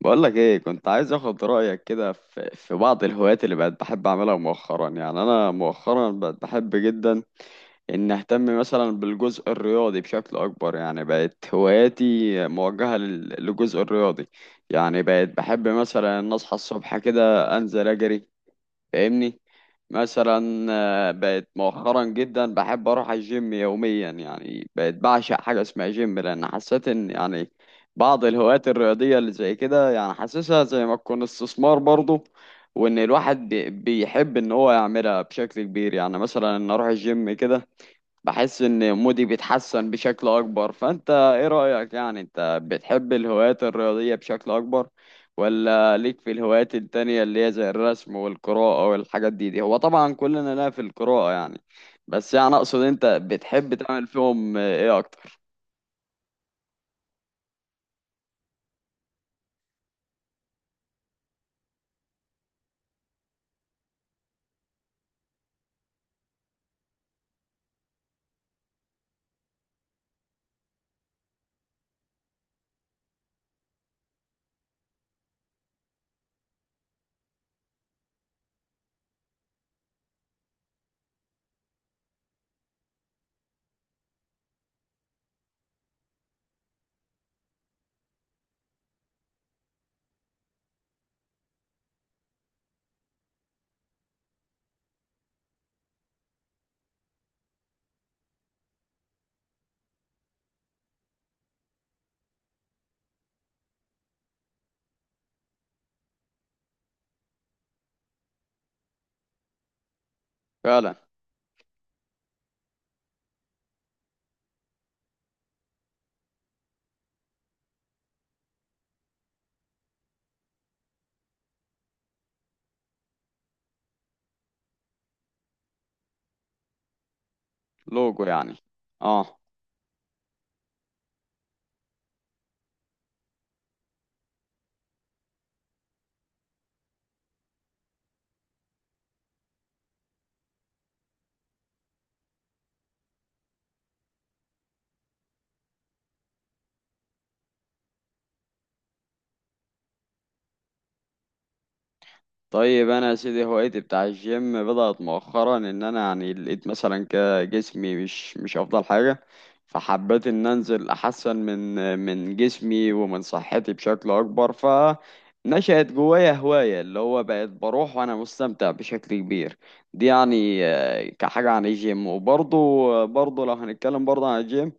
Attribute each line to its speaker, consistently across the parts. Speaker 1: بقولك ايه، كنت عايز اخد رأيك كده في بعض الهوايات اللي بقت بحب اعملها مؤخرا. يعني انا مؤخرا بقت بحب جدا ان اهتم مثلا بالجزء الرياضي بشكل اكبر، يعني بقت هواياتي موجهة للجزء الرياضي. يعني بقت بحب مثلا ان اصحى الصبح كده انزل اجري، فاهمني؟ مثلا بقت مؤخرا جدا بحب اروح الجيم يوميا، يعني بقت بعشق حاجه اسمها جيم، لان حسيت ان يعني بعض الهوايات الرياضيه اللي زي كده، يعني حاسسها زي ما تكون استثمار برضه، وان الواحد بيحب ان هو يعملها بشكل كبير. يعني مثلا ان اروح الجيم كده، بحس ان مودي بيتحسن بشكل اكبر. فانت ايه رأيك؟ يعني انت بتحب الهوايات الرياضية بشكل اكبر، ولا ليك في الهوايات التانية اللي هي زي الرسم والقراءة والحاجات دي؟ دي هو طبعا كلنا لا في القراءة يعني، بس يعني اقصد انت بتحب تعمل فيهم ايه اكتر؟ فعلا. لوجو يعني. اه. طيب انا يا سيدي هوايتي بتاع الجيم بدأت مؤخرا، ان انا يعني لقيت مثلا كده جسمي مش افضل حاجة، فحبيت ان انزل احسن من جسمي ومن صحتي بشكل اكبر. فنشأت جوايا هواية اللي هو بقيت بروح وانا مستمتع بشكل كبير. دي يعني كحاجة عن الجيم، وبرضه برضه لو هنتكلم برضه عن الجيم،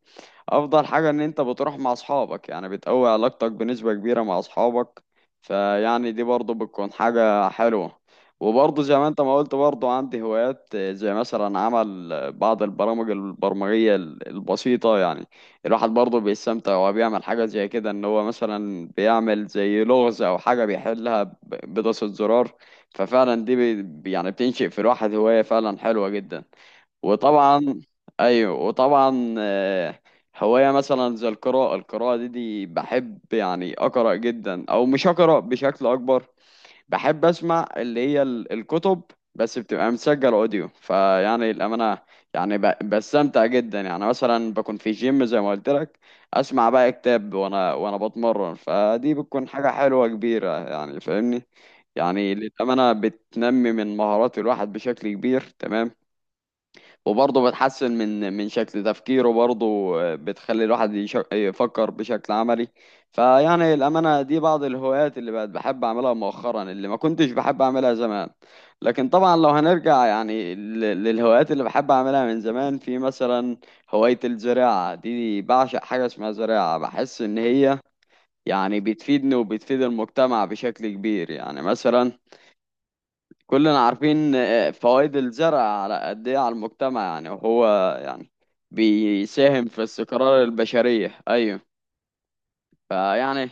Speaker 1: افضل حاجة ان انت بتروح مع اصحابك، يعني بتقوي علاقتك بنسبة كبيرة مع اصحابك، فيعني دي برضه بتكون حاجة حلوة. وبرضه زي ما انت ما قلت، برضه عندي هوايات زي مثلا عمل بعض البرامج البرمجية البسيطة. يعني الواحد برضه بيستمتع وهو بيعمل حاجة زي كده، ان هو مثلا بيعمل زي لغز او حاجة بيحلها بدوسة زرار. ففعلا دي يعني بتنشئ في الواحد هواية فعلا حلوة جدا. وطبعا ايوه، وطبعا هوايه مثلا زي القراءه، القراءه دي بحب يعني اقرا جدا، او مش اقرا بشكل اكبر، بحب اسمع اللي هي الكتب، بس بتبقى مسجل اوديو. فيعني الامانه يعني بستمتع جدا، يعني مثلا بكون في جيم زي ما قلت لك، اسمع بقى كتاب وانا بتمرن، فدي بتكون حاجه حلوه كبيره. يعني فاهمني، يعني للامانه بتنمي من مهارات الواحد بشكل كبير. تمام، وبرضه بتحسن من شكل تفكيره برضه، بتخلي الواحد يفكر بشكل عملي. فيعني الأمانة دي بعض الهوايات اللي بقت بحب أعملها مؤخرا، اللي ما كنتش بحب أعملها زمان. لكن طبعا لو هنرجع يعني للهوايات اللي بحب أعملها من زمان، في مثلا هواية الزراعة، دي بعشق حاجة اسمها زراعة، بحس إن هي يعني بتفيدني وبتفيد المجتمع بشكل كبير. يعني مثلا كلنا عارفين فوائد الزرع على قد ايه على المجتمع، يعني وهو يعني بيساهم في استقرار البشرية. ايوه، فيعني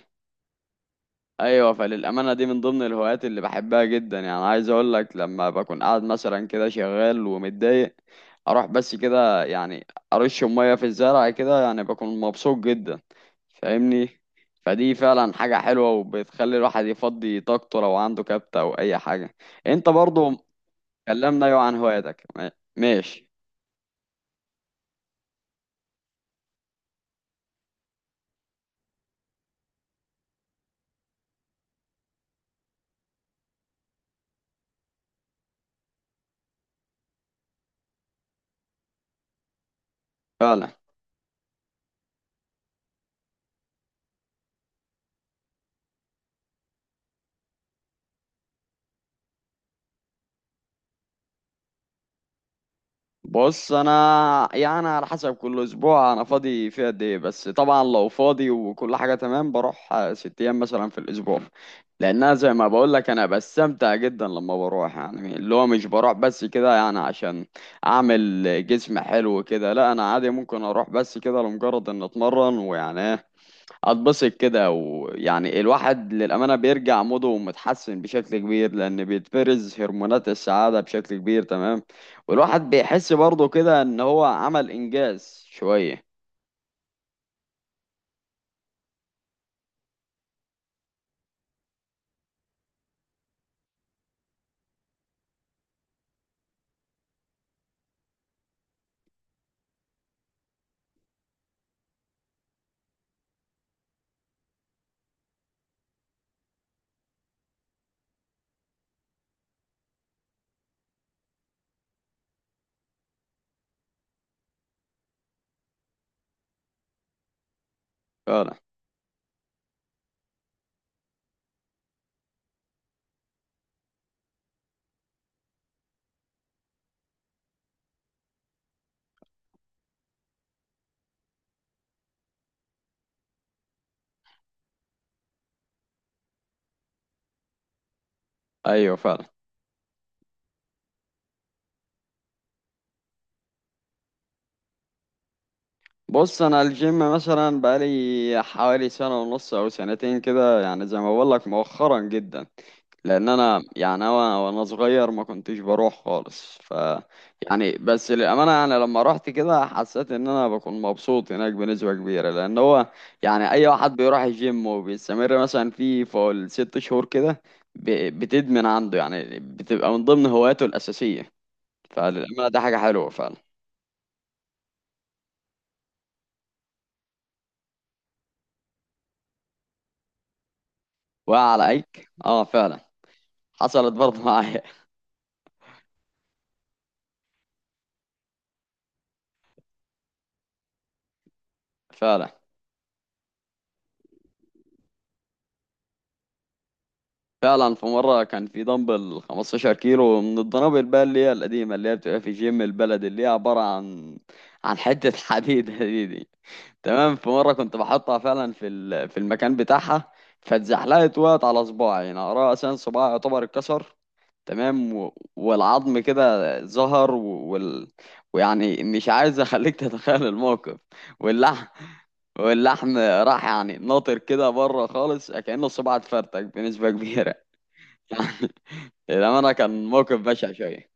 Speaker 1: ايوه، فللأمانة دي من ضمن الهوايات اللي بحبها جدا. يعني عايز اقول لك، لما بكون قاعد مثلا كده شغال ومتضايق، اروح بس كده يعني ارش مية في الزرع كده، يعني بكون مبسوط جدا، فاهمني؟ فدي فعلا حاجة حلوة، وبتخلي الواحد يفضي طاقته لو عنده كبت او اي حاجة. انت برضو كلمنا عن هواياتك ماشي؟ فعلا. بص انا يعني على حسب كل اسبوع انا فاضي فيه قد ايه، بس طبعا لو فاضي وكل حاجه تمام بروح 6 ايام مثلا في الاسبوع، لانها زي ما بقول لك انا بستمتع جدا لما بروح. يعني اللي هو مش بروح بس كده يعني عشان اعمل جسم حلو كده، لا انا عادي ممكن اروح بس كده لمجرد ان اتمرن، ويعني اتبسط كده، ويعني الواحد للأمانة بيرجع موده متحسن بشكل كبير، لأن بيتفرز هرمونات السعادة بشكل كبير. تمام، والواحد بيحس برضه كده إن هو عمل إنجاز شوية. فعلا. أيوه فعلا. بص أنا الجيم مثلا بقالي حوالي سنة ونص أو سنتين كده، يعني زي ما بقولك مؤخرا جدا، لان انا يعني انا وانا صغير ما كنتش بروح خالص. ف يعني بس للامانه يعني لما رحت كده، حسيت ان انا بكون مبسوط هناك بنسبه كبيره، لان هو يعني اي واحد بيروح الجيم وبيستمر مثلا فيه فوق الست شهور كده، بتدمن عنده، يعني بتبقى من ضمن هواياته الاساسيه. فللامانه ده حاجه حلوه فعلا. وعلى ايك؟ اه فعلا، حصلت برضه معايا. فعلا. فعلا في مرة كان في دمبل 15 كيلو من الدنابل بقى، اللي هي القديمة، اللي هي بتبقى في جيم البلد، اللي هي عبارة عن حتة حديد. دي تمام. في مرة كنت بحطها فعلا في في المكان بتاعها، فاتزحلقت، وقعت على صباعي، يعني أقرأ أساسا صباعي يعتبر اتكسر. تمام، والعظم كده ظهر، ويعني مش عايز أخليك تتخيل الموقف. واللحم واللحم راح يعني ناطر كده بره خالص، كأنه الصباع اتفرتك بنسبة كبيرة. للأمانة كان موقف بشع شوية.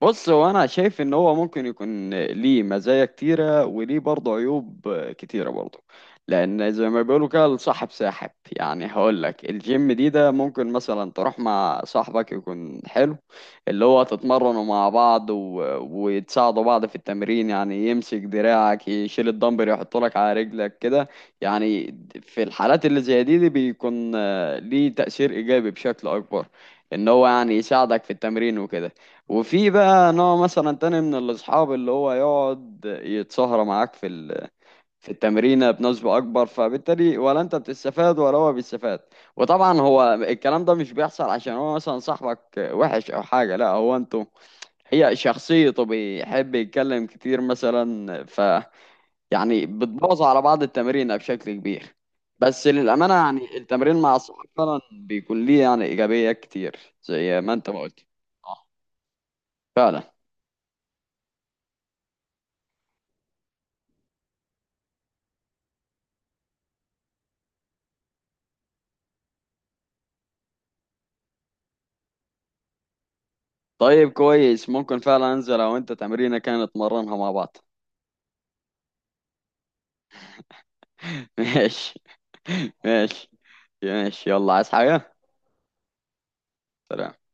Speaker 1: بص هو انا شايف ان هو ممكن يكون ليه مزايا كتيره، وليه برضه عيوب كتيره برضه. لان زي ما بيقولوا كده الصاحب ساحب، يعني هقول لك الجيم دي، ده ممكن مثلا تروح مع صاحبك يكون حلو، اللي هو تتمرنوا مع بعض، وتساعدوا بعض في التمرين، يعني يمسك دراعك، يشيل الدمبل، يحط لك على رجلك كده. يعني في الحالات اللي زي دي بيكون ليه تأثير ايجابي بشكل اكبر، ان هو يعني يساعدك في التمرين وكده. وفي بقى نوع مثلا تاني من الأصحاب، اللي هو يقعد يتسهر معاك في في التمرينة بنسبة أكبر، فبالتالي ولا أنت بتستفاد ولا هو بيستفاد. وطبعا هو الكلام ده مش بيحصل عشان هو مثلا صاحبك وحش أو حاجة، لا، هو أنتوا هي شخصيته بيحب يتكلم كتير مثلا، ف يعني بتبوظ على بعض التمرينة بشكل كبير. بس للأمانة يعني التمرين مع الصحاب فعلا بيكون ليه يعني إيجابيات كتير، زي ما أنت ما قلت. آه، فعلا. طيب كويس، ممكن فعلا انزل، او انت تمرينه كانت نتمرنها مع بعض. ماشي. ماشي. ماشي، يلا، عايز حاجة؟ سلام.